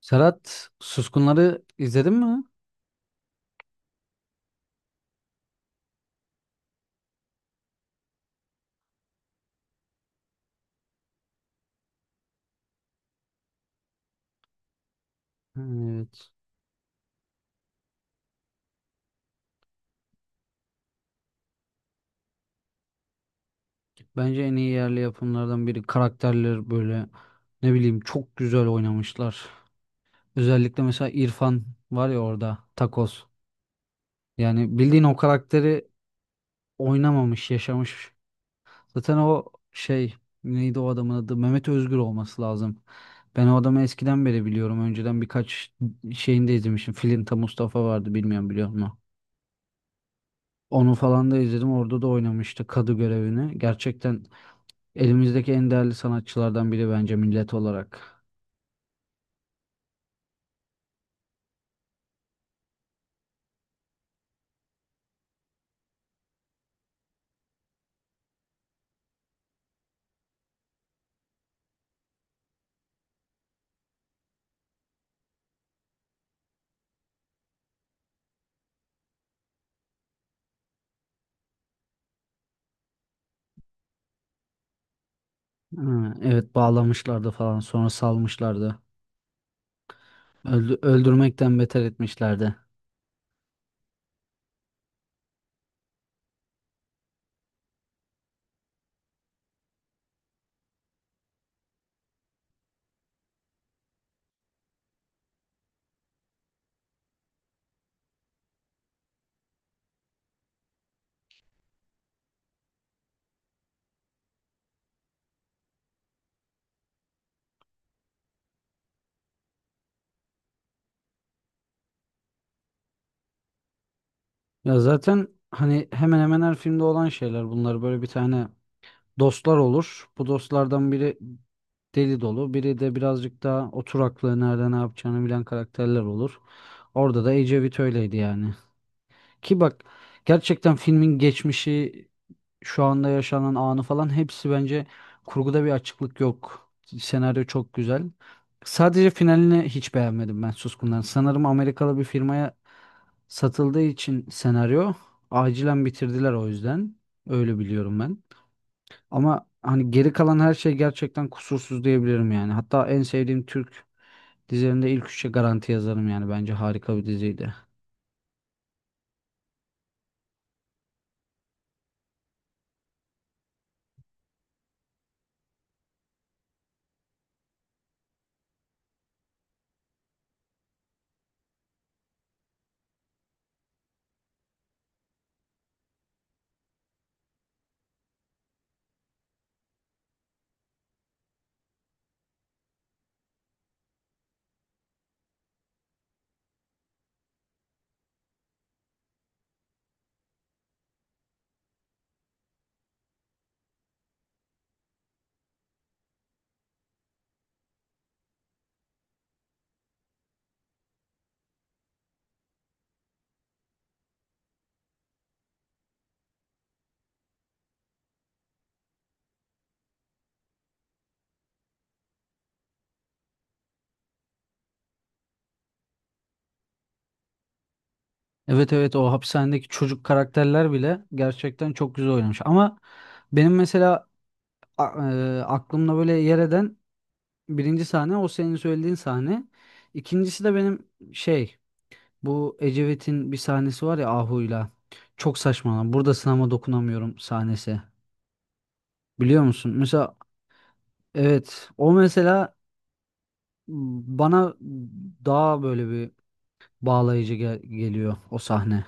Serhat, Suskunları izledin mi? Evet. Bence en iyi yerli yapımlardan biri. Karakterler böyle ne bileyim çok güzel oynamışlar. Özellikle mesela İrfan var ya orada Takoz. Yani bildiğin o karakteri oynamamış, yaşamış. Zaten o şey neydi o adamın adı? Mehmet Özgür olması lazım. Ben o adamı eskiden beri biliyorum. Önceden birkaç şeyinde izlemişim. Filinta Mustafa vardı, bilmiyorum biliyor musun? Onu falan da izledim. Orada da oynamıştı kadı görevini. Gerçekten elimizdeki en değerli sanatçılardan biri bence millet olarak. Ha, evet, bağlamışlardı falan sonra salmışlardı. Öldürmekten beter etmişlerdi. Ya zaten hani hemen hemen her filmde olan şeyler bunlar, böyle bir tane dostlar olur. Bu dostlardan biri deli dolu, biri de birazcık daha oturaklı, nerede ne yapacağını bilen karakterler olur. Orada da Ecevit öyleydi yani. Ki bak, gerçekten filmin geçmişi, şu anda yaşanan anı falan, hepsi bence kurguda bir açıklık yok. Senaryo çok güzel. Sadece finalini hiç beğenmedim ben Suskun'dan. Sanırım Amerikalı bir firmaya satıldığı için senaryo acilen bitirdiler o yüzden. Öyle biliyorum ben. Ama hani geri kalan her şey gerçekten kusursuz diyebilirim yani. Hatta en sevdiğim Türk dizilerinde ilk üçe garanti yazarım yani. Bence harika bir diziydi. Evet, evet, o hapishanedeki çocuk karakterler bile gerçekten çok güzel oynamış. Ama benim mesela a- aklımda böyle yer eden birinci sahne o senin söylediğin sahne. İkincisi de benim şey bu Ecevit'in bir sahnesi var ya Ahu'yla. Çok saçma lan. Burada sınama, dokunamıyorum sahnesi. Biliyor musun? Mesela evet, o mesela bana daha böyle bir bağlayıcı geliyor o sahne.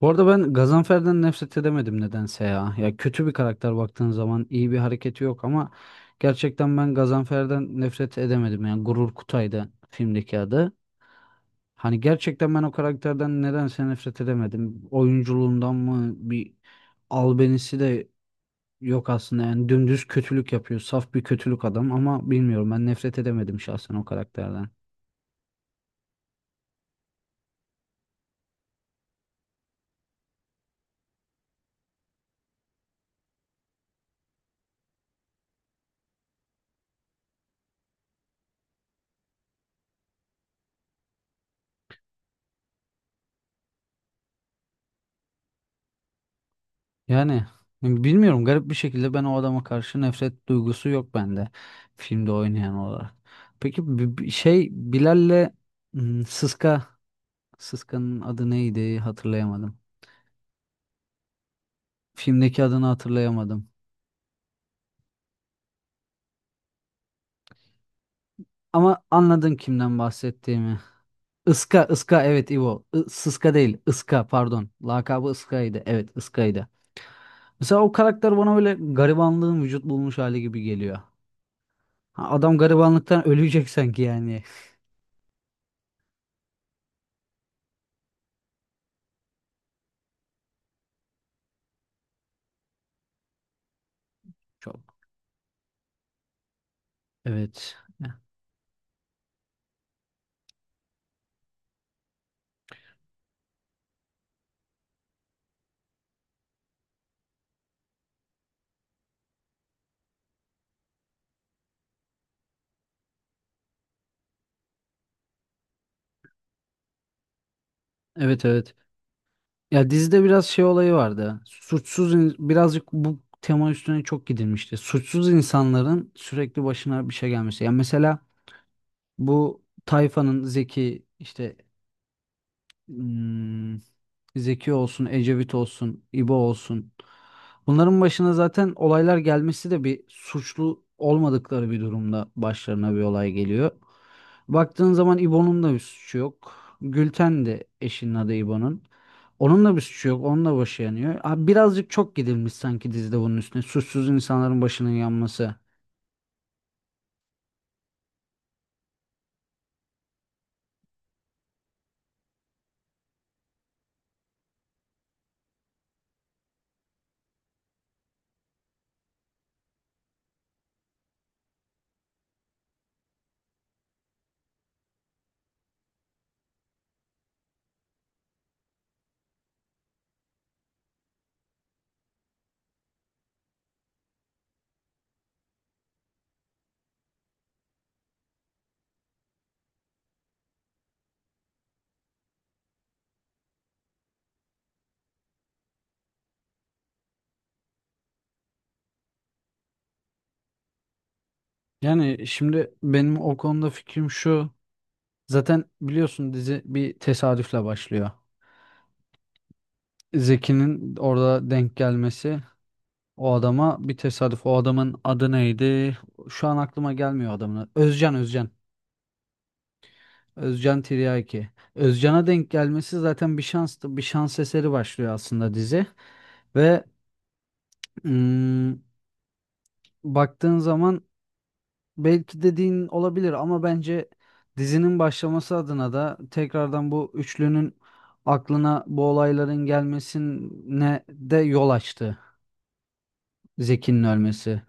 Bu arada ben Gazanfer'den nefret edemedim nedense ya. Ya kötü bir karakter, baktığın zaman iyi bir hareketi yok ama gerçekten ben Gazanfer'den nefret edemedim. Yani Gurur Kutay'dı filmdeki adı. Hani gerçekten ben o karakterden nedense nefret edemedim. Oyunculuğundan mı, bir albenisi de yok aslında. Yani dümdüz kötülük yapıyor. Saf bir kötülük adam ama bilmiyorum, ben nefret edemedim şahsen o karakterden. Yani bilmiyorum, garip bir şekilde ben o adama karşı nefret duygusu yok bende, filmde oynayan olarak. Peki Bilal'le hmm, Sıska Sıska'nın adı neydi, hatırlayamadım. Filmdeki adını hatırlayamadım. Ama anladın kimden bahsettiğimi. Iska, Iska, evet, İvo. Sıska değil, Iska, pardon. Lakabı Iska'ydı. Evet, Iska'ydı. Mesela o karakter bana böyle garibanlığın vücut bulmuş hali gibi geliyor. Ha, adam garibanlıktan ölecek sanki yani. Çok. Evet. Evet, evet. Ya dizide biraz şey olayı vardı. Suçsuz birazcık bu tema üstüne çok gidilmişti. Suçsuz insanların sürekli başına bir şey gelmesi. Yani mesela bu tayfanın Zeki işte, Hmm, Zeki olsun, Ecevit olsun, İbo olsun. Bunların başına zaten olaylar gelmesi de, bir suçlu olmadıkları bir durumda başlarına bir olay geliyor. Baktığın zaman İbo'nun da bir suçu yok. Gülten de, eşinin adı İbo'nun. Onun da bir suçu yok. Onun da başı yanıyor. Abi birazcık çok gidilmiş sanki dizide bunun üstüne. Suçsuz insanların başının yanması. Yani şimdi benim o konuda fikrim şu. Zaten biliyorsun dizi bir tesadüfle başlıyor. Zeki'nin orada denk gelmesi o adama bir tesadüf. O adamın adı neydi? Şu an aklıma gelmiyor adamın adı. Özcan, Özcan. Özcan Tiryaki. Özcan'a denk gelmesi zaten bir şanstı, bir şans eseri başlıyor aslında dizi. Ve mm, baktığın zaman belki dediğin olabilir ama bence dizinin başlaması adına da, tekrardan bu üçlünün aklına bu olayların gelmesine de yol açtı Zeki'nin ölmesi.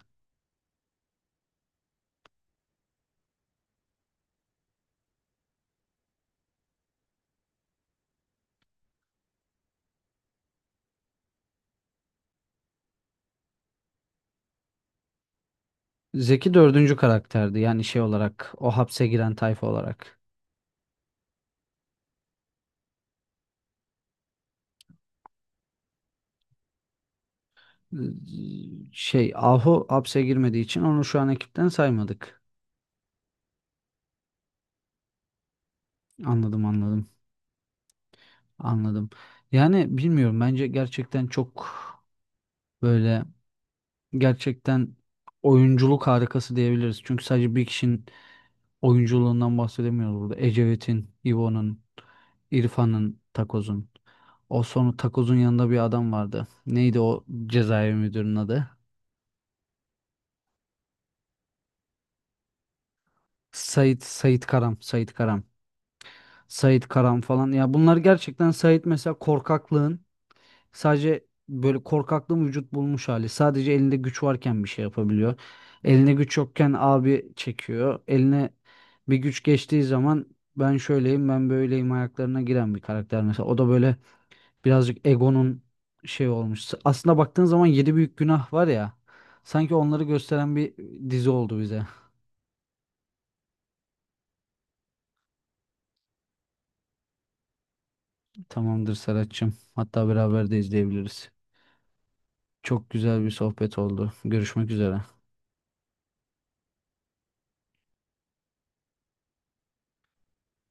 Zeki dördüncü karakterdi yani, şey olarak, o hapse giren tayfa olarak. Ee, Ahu hapse girmediği için onu şu an ekipten saymadık. Anladım, anladım, anladım. Yani bilmiyorum, bence gerçekten çok böyle, gerçekten oyunculuk harikası diyebiliriz. Çünkü sadece bir kişinin oyunculuğundan bahsedemiyoruz burada. Ecevit'in, İvo'nun, İrfan'ın, Takoz'un. O sonu, Takoz'un yanında bir adam vardı. Neydi o cezaevi müdürünün adı? Sait, Sait Karam, Sait Karam, Sait Karam falan. Ya bunlar gerçekten, Sait mesela korkaklığın, sadece böyle korkaklığın vücut bulmuş hali. Sadece elinde güç varken bir şey yapabiliyor. Eline güç yokken abi çekiyor. Eline bir güç geçtiği zaman ben şöyleyim, ben böyleyim ayaklarına giren bir karakter mesela. O da böyle birazcık egonun şey olmuş. Aslında baktığın zaman yedi büyük günah var ya. Sanki onları gösteren bir dizi oldu bize. Tamamdır Serhat'cığım. Hatta beraber de izleyebiliriz. Çok güzel bir sohbet oldu. Görüşmek üzere.